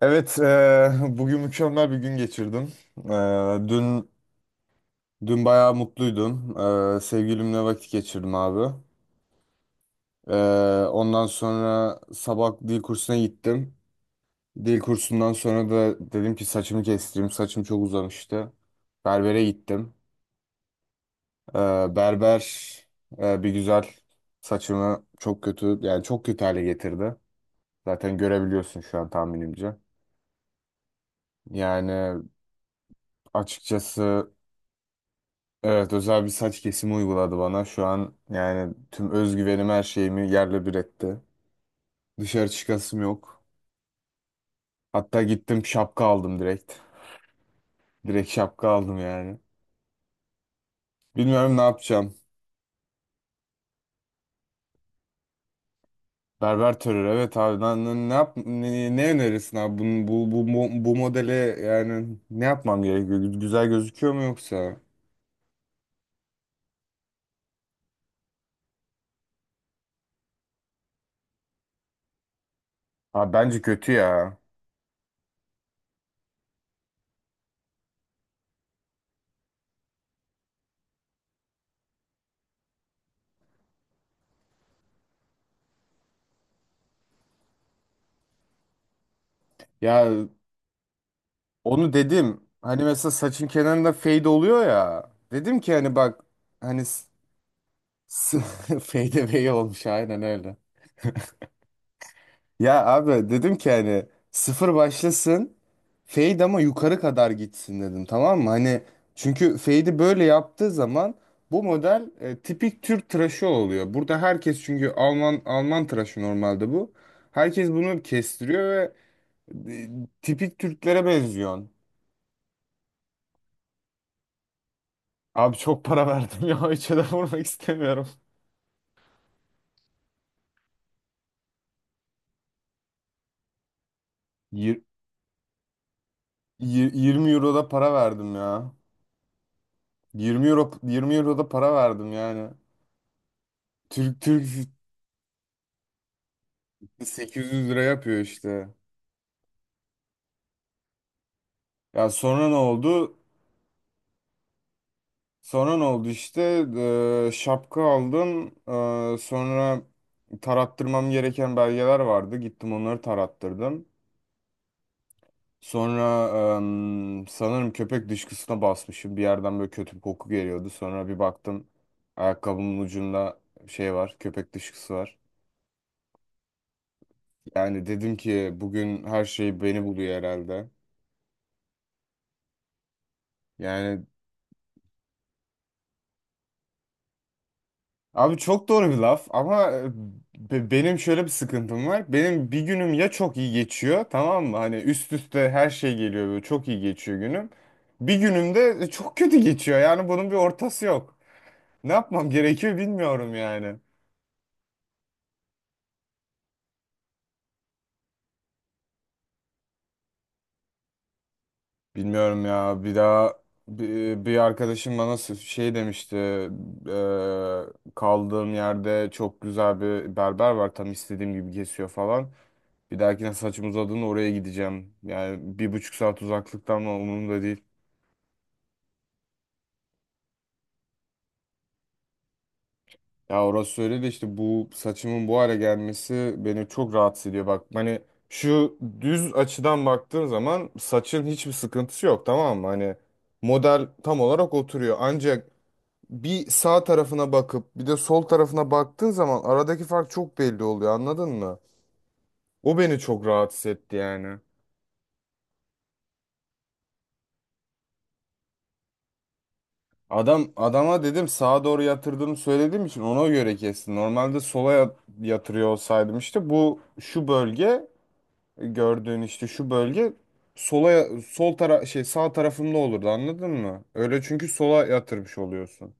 Evet, bugün mükemmel bir gün geçirdim. Eee, dün dün bayağı mutluydum. Sevgilimle vakit geçirdim abi. Ondan sonra sabah dil kursuna gittim. Dil kursundan sonra da dedim ki saçımı kestireyim. Saçım çok uzamıştı. Berbere gittim. Berber Bir güzel saçımı çok kötü, yani çok kötü hale getirdi. Zaten görebiliyorsun şu an tahminimce. Yani açıkçası. Evet, özel bir saç kesimi uyguladı bana. Şu an yani tüm özgüvenim, her şeyimi yerle bir etti. Dışarı çıkasım yok. Hatta gittim şapka aldım direkt. Direkt şapka aldım yani. Bilmiyorum ne yapacağım. Berber terör, evet abi ne yap, ne önerirsin abi? Bu modele, yani ne yapmam gerekiyor? Güzel gözüküyor mu yoksa? Abi bence kötü ya. Ya onu dedim. Hani mesela saçın kenarında fade oluyor ya. Dedim ki hani bak. Hani FDV olmuş, aynen öyle. Ya abi dedim ki hani sıfır başlasın, fade ama yukarı kadar gitsin dedim, tamam mı? Hani çünkü fade'i böyle yaptığı zaman bu model tipik Türk tıraşı oluyor. Burada herkes, çünkü Alman Alman tıraşı normalde bu. Herkes bunu kestiriyor ve e, tipik Türklere benziyorsun. Abi çok para verdim ya, hiç de vurmak istemiyorum. Yir- 20 euro da para verdim ya. 20 euro da para verdim yani. Türk. 800 lira yapıyor işte. Ya sonra ne oldu? Sonra ne oldu işte? Şapka aldım. Sonra tarattırmam gereken belgeler vardı. Gittim onları tarattırdım. Sonra sanırım köpek dışkısına basmışım. Bir yerden böyle kötü bir koku geliyordu. Sonra bir baktım, ayakkabımın ucunda şey var, köpek dışkısı var. Yani dedim ki bugün her şey beni buluyor herhalde. Yani, abi çok doğru bir laf ama benim şöyle bir sıkıntım var. Benim bir günüm ya çok iyi geçiyor, tamam mı? Hani üst üste her şey geliyor, böyle çok iyi geçiyor günüm. Bir günüm de çok kötü geçiyor, yani bunun bir ortası yok. Ne yapmam gerekiyor bilmiyorum yani. Bilmiyorum ya, bir arkadaşım bana şey demişti. Kaldığım yerde çok güzel bir berber var, tam istediğim gibi kesiyor falan. Bir dahakine saçım uzadığında oraya gideceğim. Yani bir buçuk saat uzaklıkta ama umurumda değil. Ya orası öyle de işte bu saçımın bu hale gelmesi beni çok rahatsız ediyor. Bak hani şu düz açıdan baktığın zaman saçın hiçbir sıkıntısı yok, tamam mı? Hani model tam olarak oturuyor. Ancak bir sağ tarafına bakıp bir de sol tarafına baktığın zaman aradaki fark çok belli oluyor, anladın mı? O beni çok rahatsız etti yani. Adam adama dedim sağa doğru yatırdığımı söylediğim için ona göre kesti. Normalde sola yatırıyor olsaydım işte bu şu bölge, gördüğün işte şu bölge sola, sol tara şey sağ tarafımda olurdu, anladın mı? Öyle, çünkü sola yatırmış oluyorsun.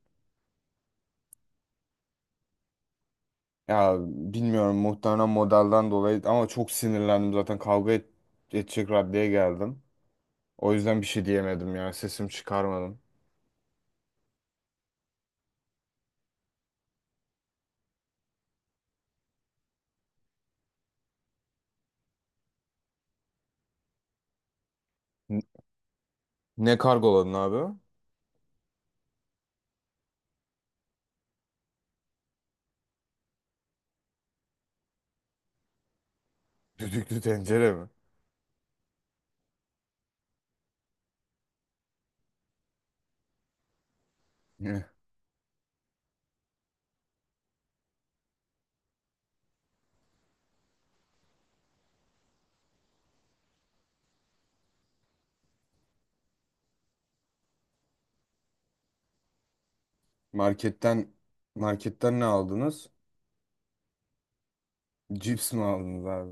Ya bilmiyorum, muhtemelen modelden dolayı, ama çok sinirlendim zaten kavga edecek raddeye geldim. O yüzden bir şey diyemedim ya, sesimi çıkarmadım. N- Ne kargoladın abi? Düdüklü tencere mi? Marketten Marketten ne aldınız? Cips mi aldınız abi?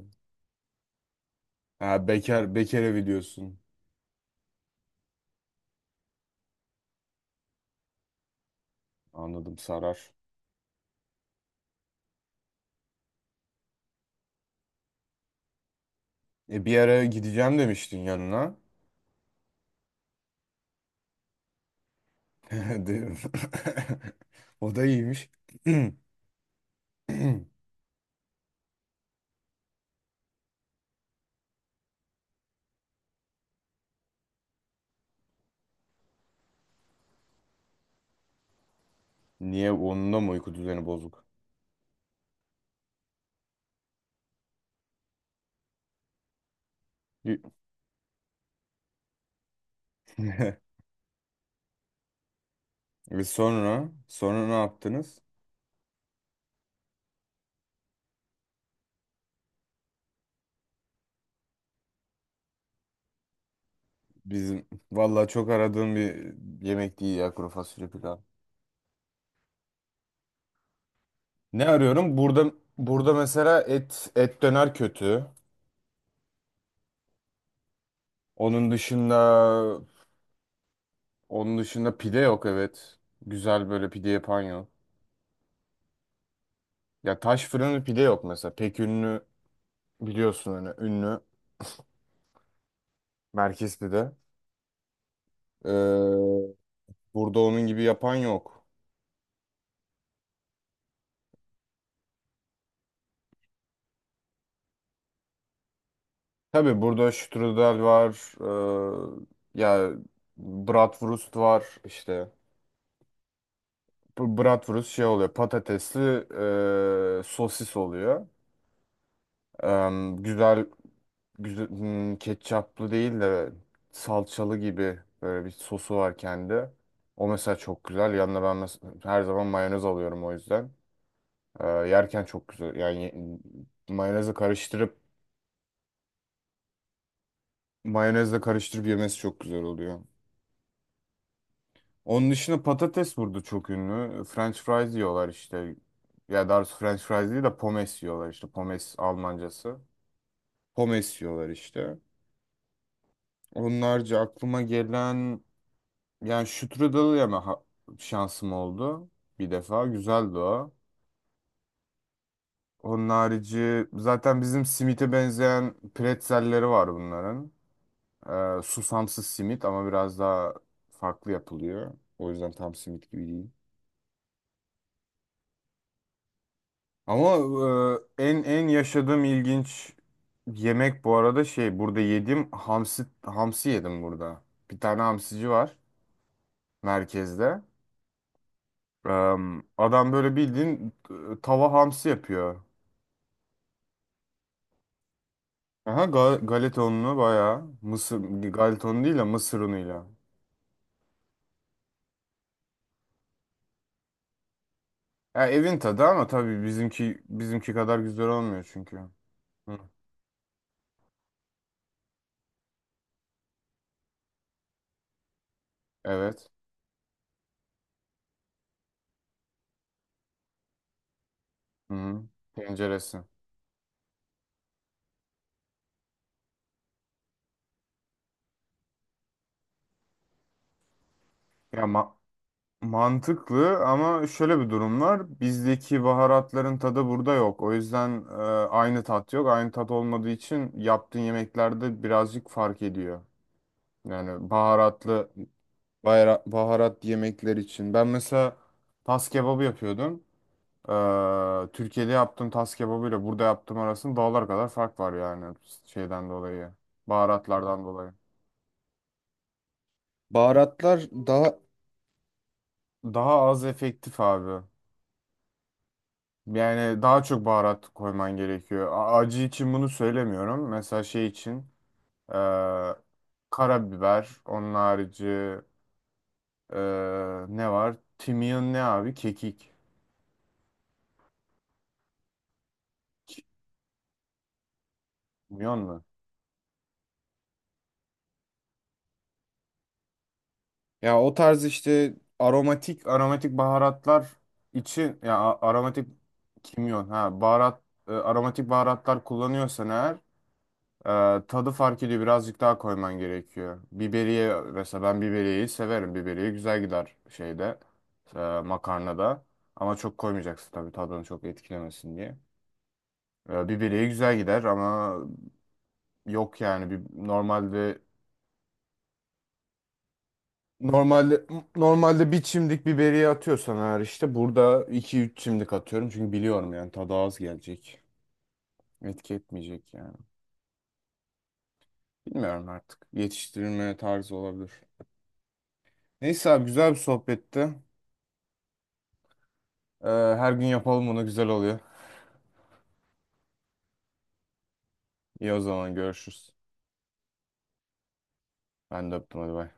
Ha, bekar bekar evi diyorsun. Anladım sarar. E bir ara gideceğim demiştin yanına. Dedim. O da iyiymiş. Niye, onun da mı uyku düzeni bozuk? Y- Ve sonra ne yaptınız? Bizim vallahi çok aradığım bir yemek değil ya kuru fasulye pilav. Ne arıyorum? Burada, burada mesela et döner kötü. Onun dışında, onun dışında pide yok, evet. Güzel böyle pide yapan yok. Ya taş fırını pide yok mesela. Pek ünlü, biliyorsun hani ünlü merkez pide. Ee, Burada onun gibi yapan yok. Tabii burada strudel var. ee, ya Bratwurst var işte. Bu Bratwurst şey oluyor, patatesli sosis oluyor. Em, güzel, Ketçaplı değil de salçalı gibi böyle bir sosu var kendi. O mesela çok güzel. Yanına ben her zaman mayonez alıyorum o yüzden. Yerken çok güzel. Mayonezle karıştırıp Mayonezle karıştırıp yemesi çok güzel oluyor. Onun dışında patates burada çok ünlü. French fries yiyorlar işte. Ya daha doğrusu French fries değil de pommes yiyorlar işte. Pommes Almancası. Pommes yiyorlar işte. Onlarca aklıma gelen. Yani Şükrü yeme şansım oldu bir defa. Güzeldi o. Onun harici zaten bizim simite benzeyen pretzelleri var bunların. Susamsız simit ama biraz daha farklı yapılıyor. O yüzden tam simit gibi değil. Ama en en yaşadığım ilginç yemek bu arada, şey, burada yediğim hamsi, hamsi yedim burada. Bir tane hamsici var merkezde. Ee, Adam böyle bildiğin tava hamsi yapıyor. Aha, galeta ununu bayağı, mısır, galeta unu değil de mısır unuyla. Ya evin tadı, ama tabii bizimki kadar güzel olmuyor çünkü. Hı. Evet. Hı. Tenceresi. Ya mantıklı ama şöyle bir durum var. Bizdeki baharatların tadı burada yok. O yüzden aynı tat yok. Aynı tat olmadığı için yaptığın yemeklerde birazcık fark ediyor. Yani baharatlı, baharat yemekler için. Ben mesela tas kebabı yapıyordum. Türkiye'de yaptığım tas kebabıyla burada yaptığım arasında dağlar kadar fark var, yani şeyden dolayı. Baharatlardan dolayı. Baharatlar daha, daha az efektif abi. Yani daha çok baharat koyman gerekiyor. Acı için bunu söylemiyorum. Mesela şey için e, karabiber, onun harici e, ne var? Kimyon ne abi? Kekik. Kimyon mu? Ya o tarz işte aromatik baharatlar için, ya aromatik, kimyon, ha baharat, aromatik baharatlar kullanıyorsan eğer tadı fark ediyor, birazcık daha koyman gerekiyor. Biberiye mesela, ben biberiyeyi severim. Biberiye güzel gider şeyde, e, makarnada, ama çok koymayacaksın tabii, tadını çok etkilemesin diye. E, biberiye güzel gider ama yok yani, bir, normalde Normalde, normalde bir çimdik biberiye atıyorsan eğer, işte burada 2 3 çimdik atıyorum çünkü biliyorum yani tadı az gelecek. Etki etmeyecek yani. Bilmiyorum artık. Yetiştirilme tarzı olabilir. Neyse abi, güzel bir sohbetti. Her gün yapalım bunu, güzel oluyor. İyi, o zaman görüşürüz. Ben de öptüm, hadi bay.